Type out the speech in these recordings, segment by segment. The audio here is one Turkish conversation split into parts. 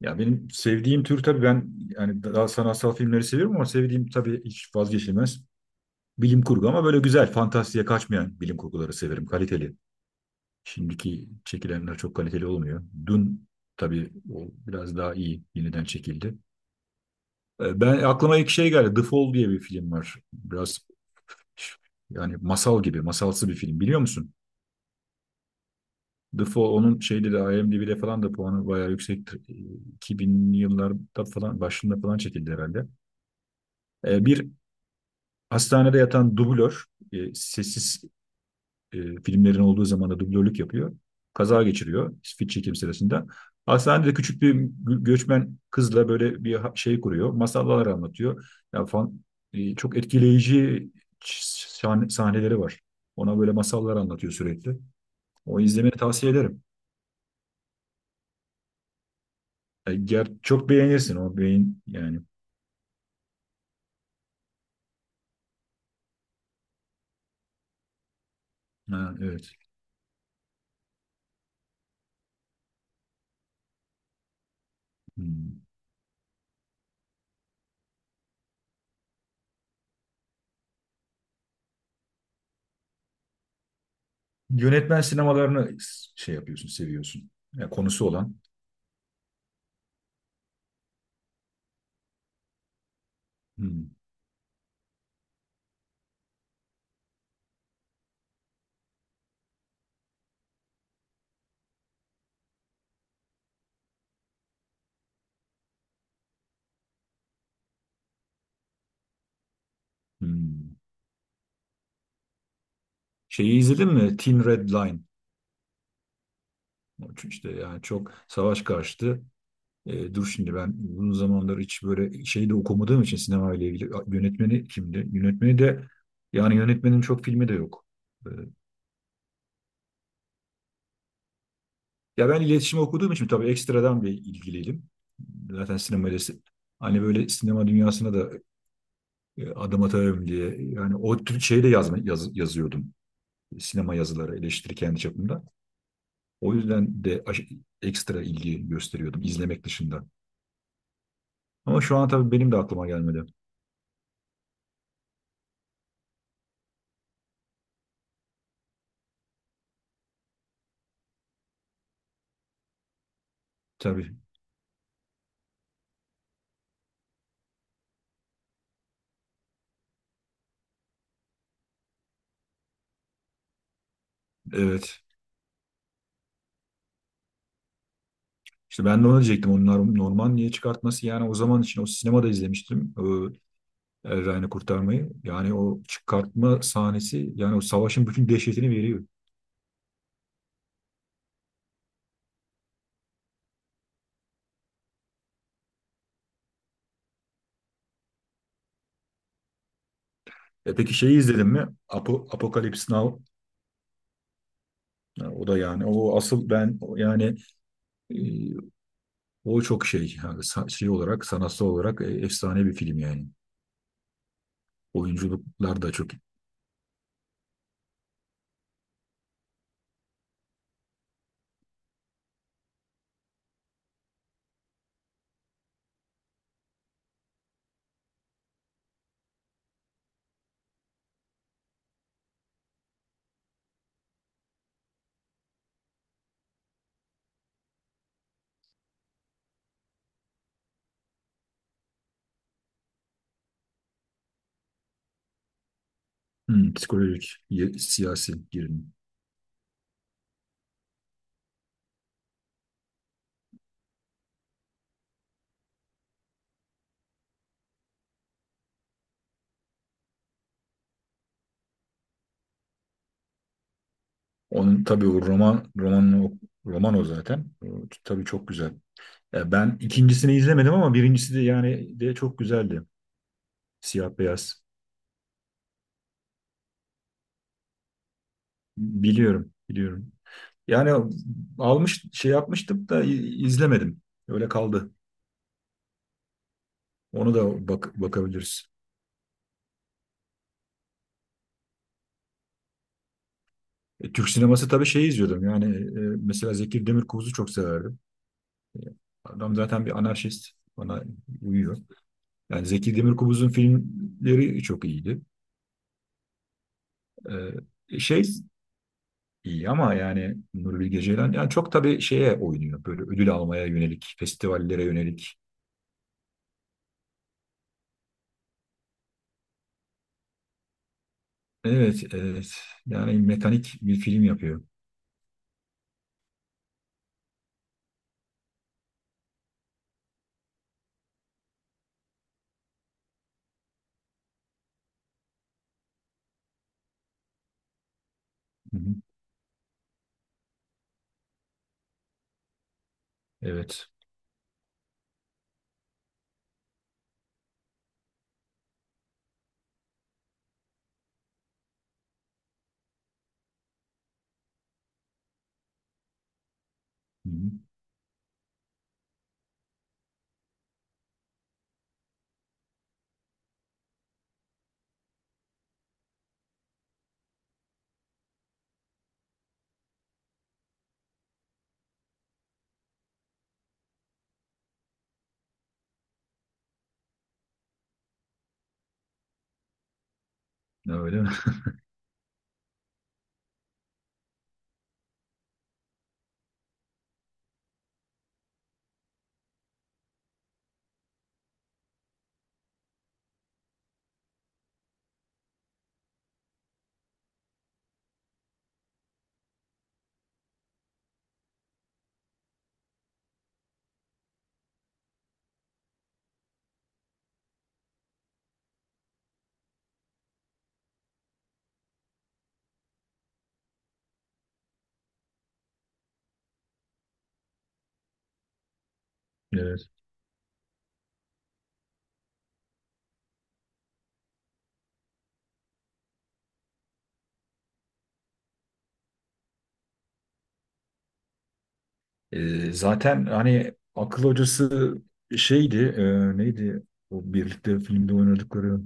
Ya benim sevdiğim tür, tabii ben yani daha sanatsal filmleri seviyorum, ama sevdiğim tabii hiç vazgeçilmez bilim kurgu, ama böyle güzel, fantastiğe kaçmayan bilim kurguları severim, kaliteli. Şimdiki çekilenler çok kaliteli olmuyor. Dün tabii o biraz daha iyi yeniden çekildi. Ben aklıma ilk şey geldi. The Fall diye bir film var. Biraz yani masal gibi, masalsı bir film, biliyor musun? The Fall onun şeyde de IMDb'de falan da puanı bayağı yüksektir. 2000'li yıllarda falan, başında falan çekildi herhalde. Bir hastanede yatan dublör, sessiz e, filmlerin olduğu zaman da dublörlük yapıyor. Kaza geçiriyor fit çekim sırasında. Hastanede küçük bir göçmen kızla böyle bir şey kuruyor. Masallar anlatıyor. Yani fan, Çok etkileyici sahneleri var. Ona böyle masallar anlatıyor sürekli. O, izlemeni tavsiye ederim. Çok beğenirsin o beyin yani. Ha, evet. Hmm. Yönetmen sinemalarını şey yapıyorsun, seviyorsun. Yani konusu olan. Hmm. Hmm. Şeyi izledin mi? Thin Red Line. İşte yani çok savaş karşıtı. Dur, şimdi ben uzun zamandır hiç böyle şeyi de okumadığım için sinema ile ilgili, A, yönetmeni kimdi? Yönetmeni de yani yönetmenin çok filmi de yok. E, Ya ben iletişim okuduğum için tabii ekstradan bir ilgiliydim. Zaten sinemayla hani böyle sinema dünyasına da adım atarım diye, yani o tür şeyi de yazma, yazıyordum. Sinema yazıları, eleştiri, kendi çapımda. O yüzden de ekstra ilgi gösteriyordum izlemek dışında. Ama şu an tabii benim de aklıma gelmedi. Tabii, evet. İşte ben de onu diyecektim. Onlar normal niye çıkartması, yani o zaman için o sinemada izlemiştim. O El Ryan'ı kurtarmayı. Yani o çıkartma sahnesi, yani o savaşın bütün dehşetini veriyor. E peki, şeyi izledin mi? Apo, Apocalypse Now. Ha, o da yani o asıl, ben yani, e, o çok şey yani, şey olarak, sanatsal olarak, efsane bir film yani. Oyunculuklar da çok hmm, psikolojik, siyasi gerilim. Onun tabii o roman, roman o zaten. Tabii çok güzel. Ya ben ikincisini izlemedim, ama birincisi de yani de çok güzeldi. Siyah beyaz. Biliyorum, biliyorum. Yani almış şey yapmıştım da izlemedim. Öyle kaldı. Onu da bak bakabiliriz. Türk sineması tabii şey izliyordum. Yani, mesela Zeki Demirkubuz'u çok severdim. E, Adam zaten bir anarşist. Bana uyuyor. Yani Zeki Demirkubuz'un filmleri çok iyiydi. E, şey İyi, ama yani Nuri Bilge Ceylan yani çok tabii şeye oynuyor. Böyle ödül almaya yönelik, festivallere yönelik. Evet, evet. Yani mekanik bir film yapıyor. Hı hı. Evet. Hı hı. Öyle mi? Evet. Zaten hani akıl hocası şeydi, e, neydi? O birlikte filmde oynadıkları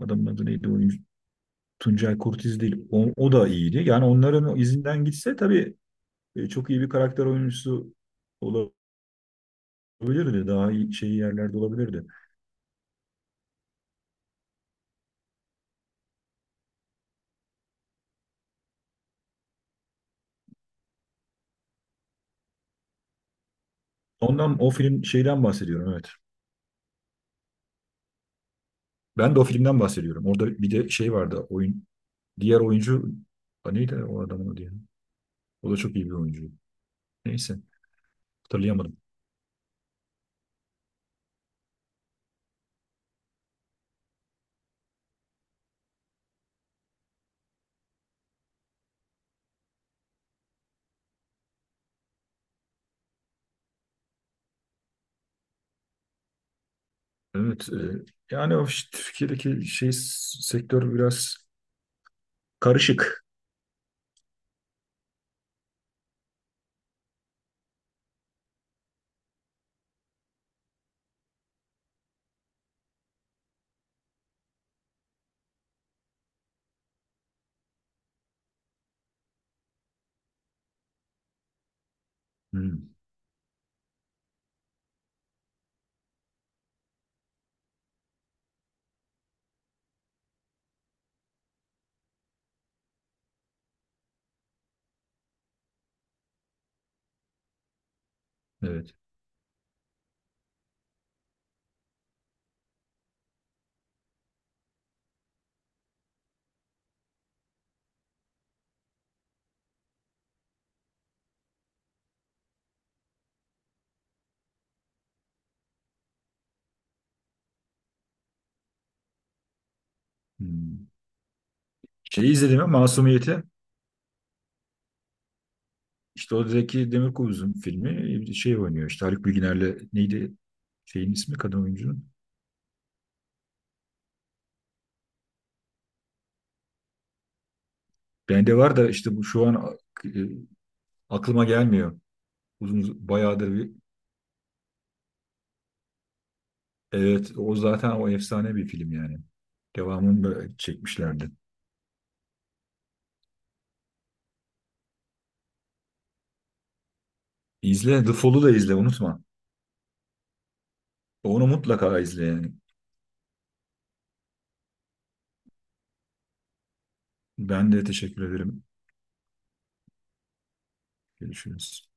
adamın adı neydi? Oyuncu, Tuncay Kurtiz değil. O, o da iyiydi. Yani onların o izinden gitse tabii çok iyi bir karakter oyuncusu olabilirdi. Daha iyi şey yerlerde olabilirdi. Ondan, o film şeyden bahsediyorum, evet. Ben de o filmden bahsediyorum. Orada bir de şey vardı, oyun diğer oyuncu, ha, neydi o adamın adı ya? O da çok iyi bir oyuncu. Neyse, hatırlayamadım. Evet, yani o işte Türkiye'deki şey sektör biraz karışık. Hmm, evet. Hmm. Şeyi izledim ya, Masumiyet'i. İşte o Zeki Demirkubuz'un filmi, şey oynuyor işte Haluk Bilginer'le, neydi şeyin ismi, kadın oyuncunun. Bende var da, işte bu şu an e, aklıma gelmiyor. Bayağıdır. Evet, o zaten o efsane bir film yani. Devamını böyle çekmişlerdi. İzle, The Fall'u da izle, unutma. Onu mutlaka izle yani. Ben de teşekkür ederim. Görüşürüz.